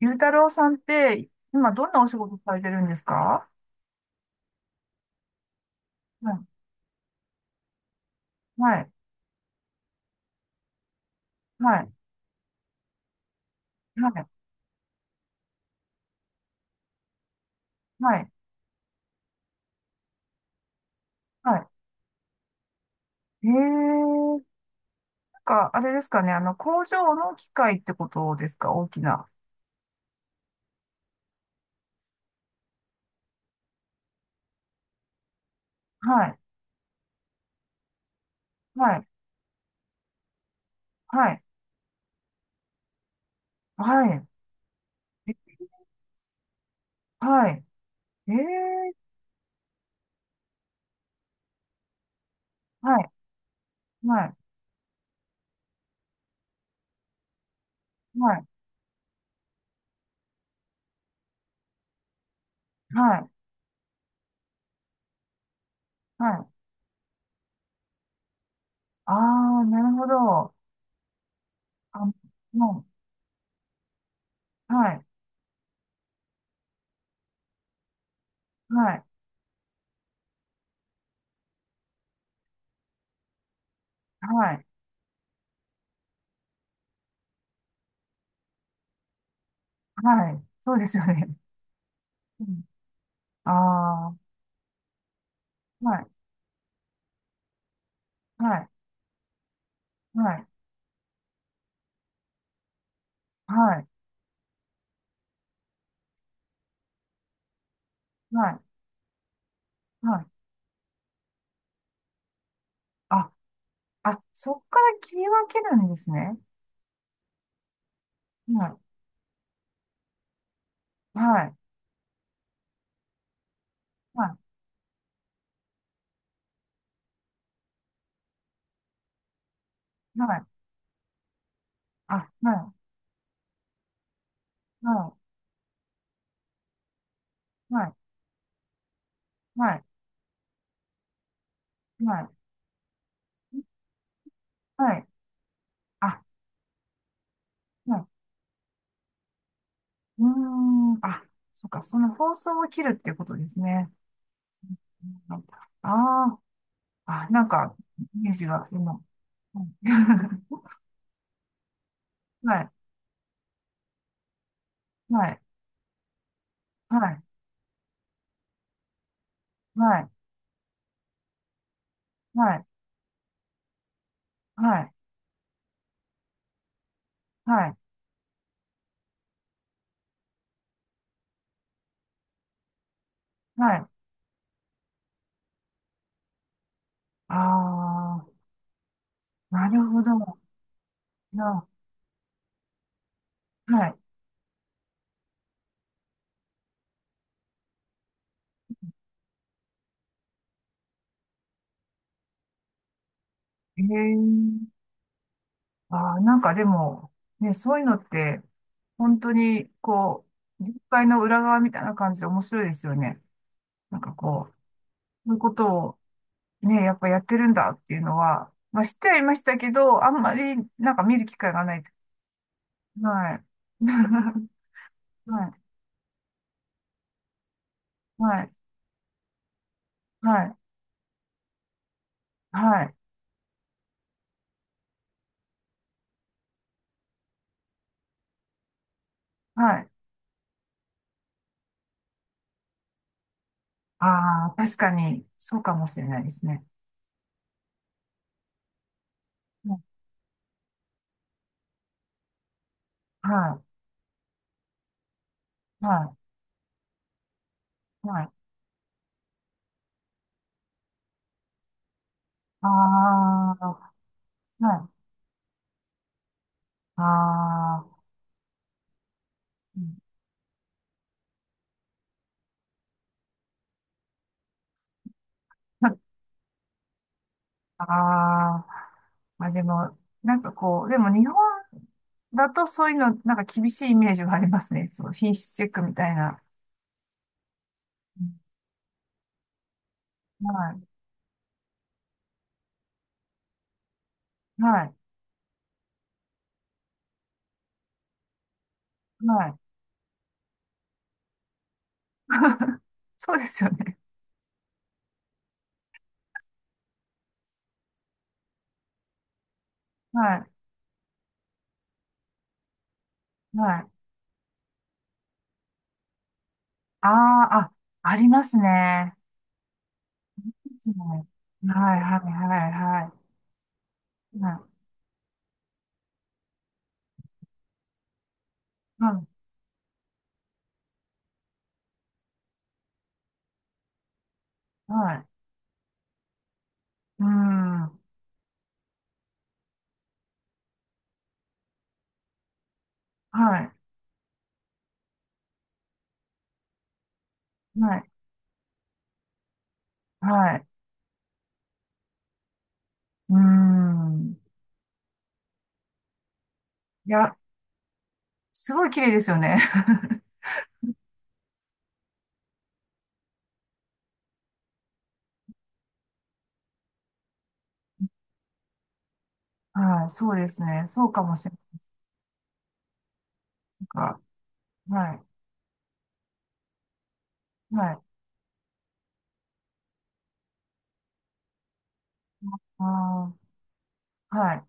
ゆうたろうさんって、今どんなお仕事されてるんですか？はい、はい、はい、はい、はい。はい、へえー、なんか、あれですかね、あの、工場の機械ってことですか、大きな。はい、はい、はい、はい、え、はい、えー、はい、はい、はい、はい、はい。ああ、なるほど。あ、もう、はい、はい、はい、はい。そうですよね。うん、ああ、はい、はい、はい、はい。はい、はい。あ、あ、そっから切り分けるんですね。はい。はい。はい。はい。あ、はい。はい。はい。はい。はい。はい。あ、はい。うーん。あ、そっか。その放送を切るっていうことですね。ああー、あ、なんか、イメージが今。はい。はい。はい。はい。はい。はい。はい。はい。はい。ああ、なるほど。な、はい。ええ、ああ、なんかでも、ね、そういうのって、本当に、こう、業界の裏側みたいな感じで面白いですよね。なんかこう、そういうことをね、やっぱやってるんだっていうのは、まあ知ってはいましたけど、あんまりなんか見る機会がない。はい。はい。はい。はい。はい。はい。ああ、確かに、そうかもしれないですね。はい。はい。はい。ああ、はい。ああ。うん、 ああ、まあでも、なんかこう、でも日本だとそういうの、なんか厳しいイメージがありますね。そう、品質チェックみたいな。うん、はい、はい、はい。そうですよね。はい、はい。ああ、あ、ありますね。ですね、はい、はい、はい、はい。はい、はい。はい、うーん、はい、はい、はい。うーん。いや、すごい綺麗ですよね。はい、そうですね。そうかもしれない。はい、はい、ああ、はい、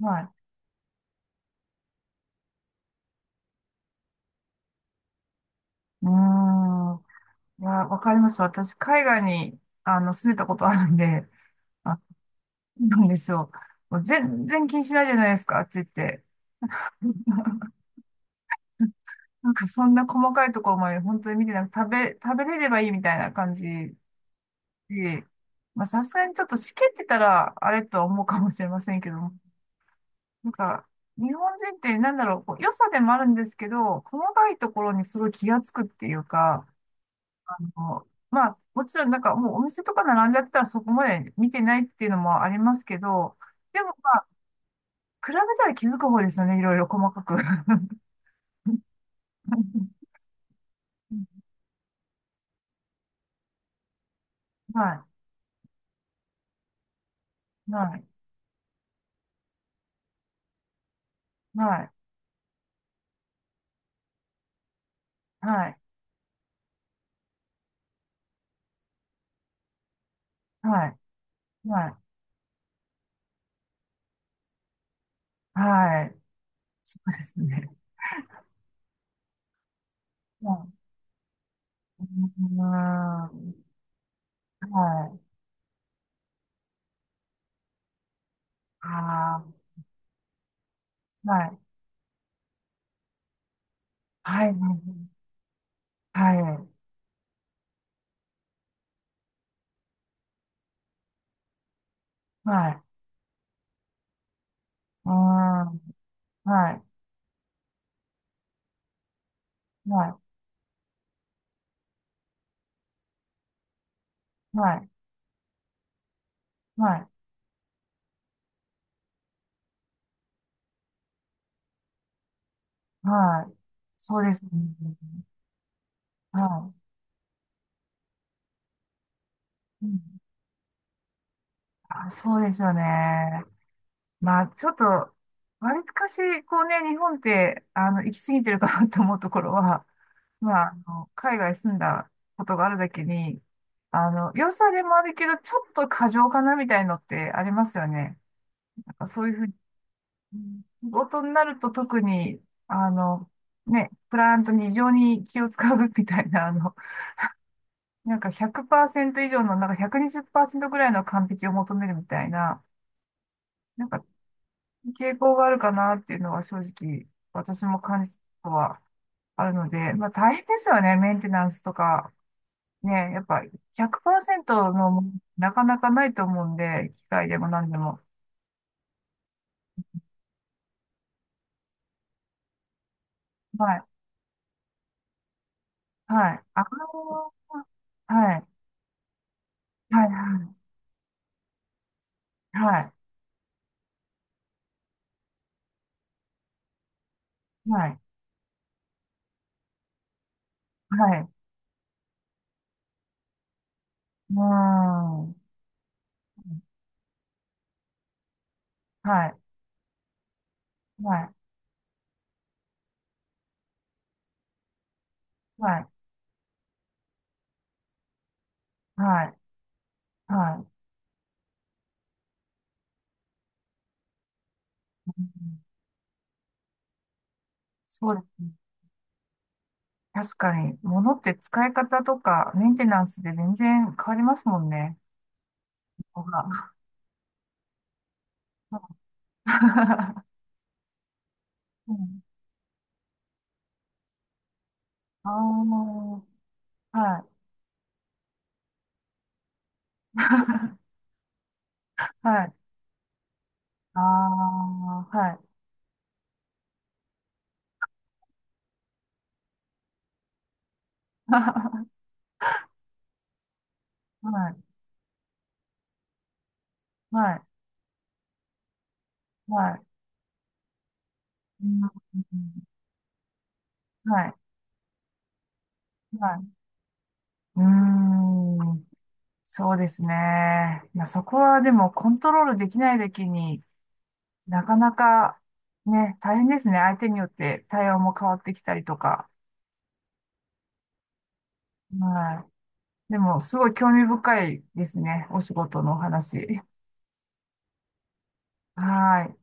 はい。うーん。いや、わかります。私、海外に、あの、住んでたことあるんで、あ、そうなんですよ。もう全然気にしないじゃないですか、あっち行って。なんか、そんな細かいところまで本当に見てなく、食べれればいいみたいな感じで、まあ、さすがにちょっとしけってたら、あれとは思うかもしれませんけども、なんか、日本人ってなんだろう、こう良さでもあるんですけど、細かいところにすごい気がつくっていうか、もうまあ、もちろんなんかもうお店とか並んじゃったらそこまで見てないっていうのもありますけど、でもまあ、比べたら気づく方ですよね、いろいろ細かく。はい、はい、はい、はい、はい、はい、はい、はい、そうですね。はい、うーん、はい、あー、はい、はい、はい、はい、うーん、はい、はい、はい、はい、はい、そうですね。はい。うん、あ、そうですよね。まあ、ちょっと、わりかし、こうね、日本って、あの、行き過ぎてるかなと思うところは、まあ、あの、海外住んだことがあるだけに、あの、良さでもあるけど、ちょっと過剰かなみたいのってありますよね。なんかそういうふうに、うん、仕事になると特に、あの、ね、クライアントに異常に気を使うみたいな、あの、なんか100%以上の、なんか120%ぐらいの完璧を求めるみたいな、なんか傾向があるかなっていうのは正直私も感じたことはあるので、まあ大変ですよね、メンテナンスとか。ね、やっぱ100%のものなかなかないと思うんで、機械でも何でも。はい、はい、あのーはい、はい、はい、はい、はい、はい、うーん、はい、はい、はい、はい、はい。うん、そうですね。確かに、物って使い方とかメンテナンスで全然変わりますもんね。あ、 うん。ああ、はい。はい。ああ、はい。はい。はい。はい。うん。はい。はい。うーん。そうですね。いや、そこはでもコントロールできないだけに、なかなかね、大変ですね。相手によって対応も変わってきたりとか。はい。でも、すごい興味深いですね。お仕事のお話。はい。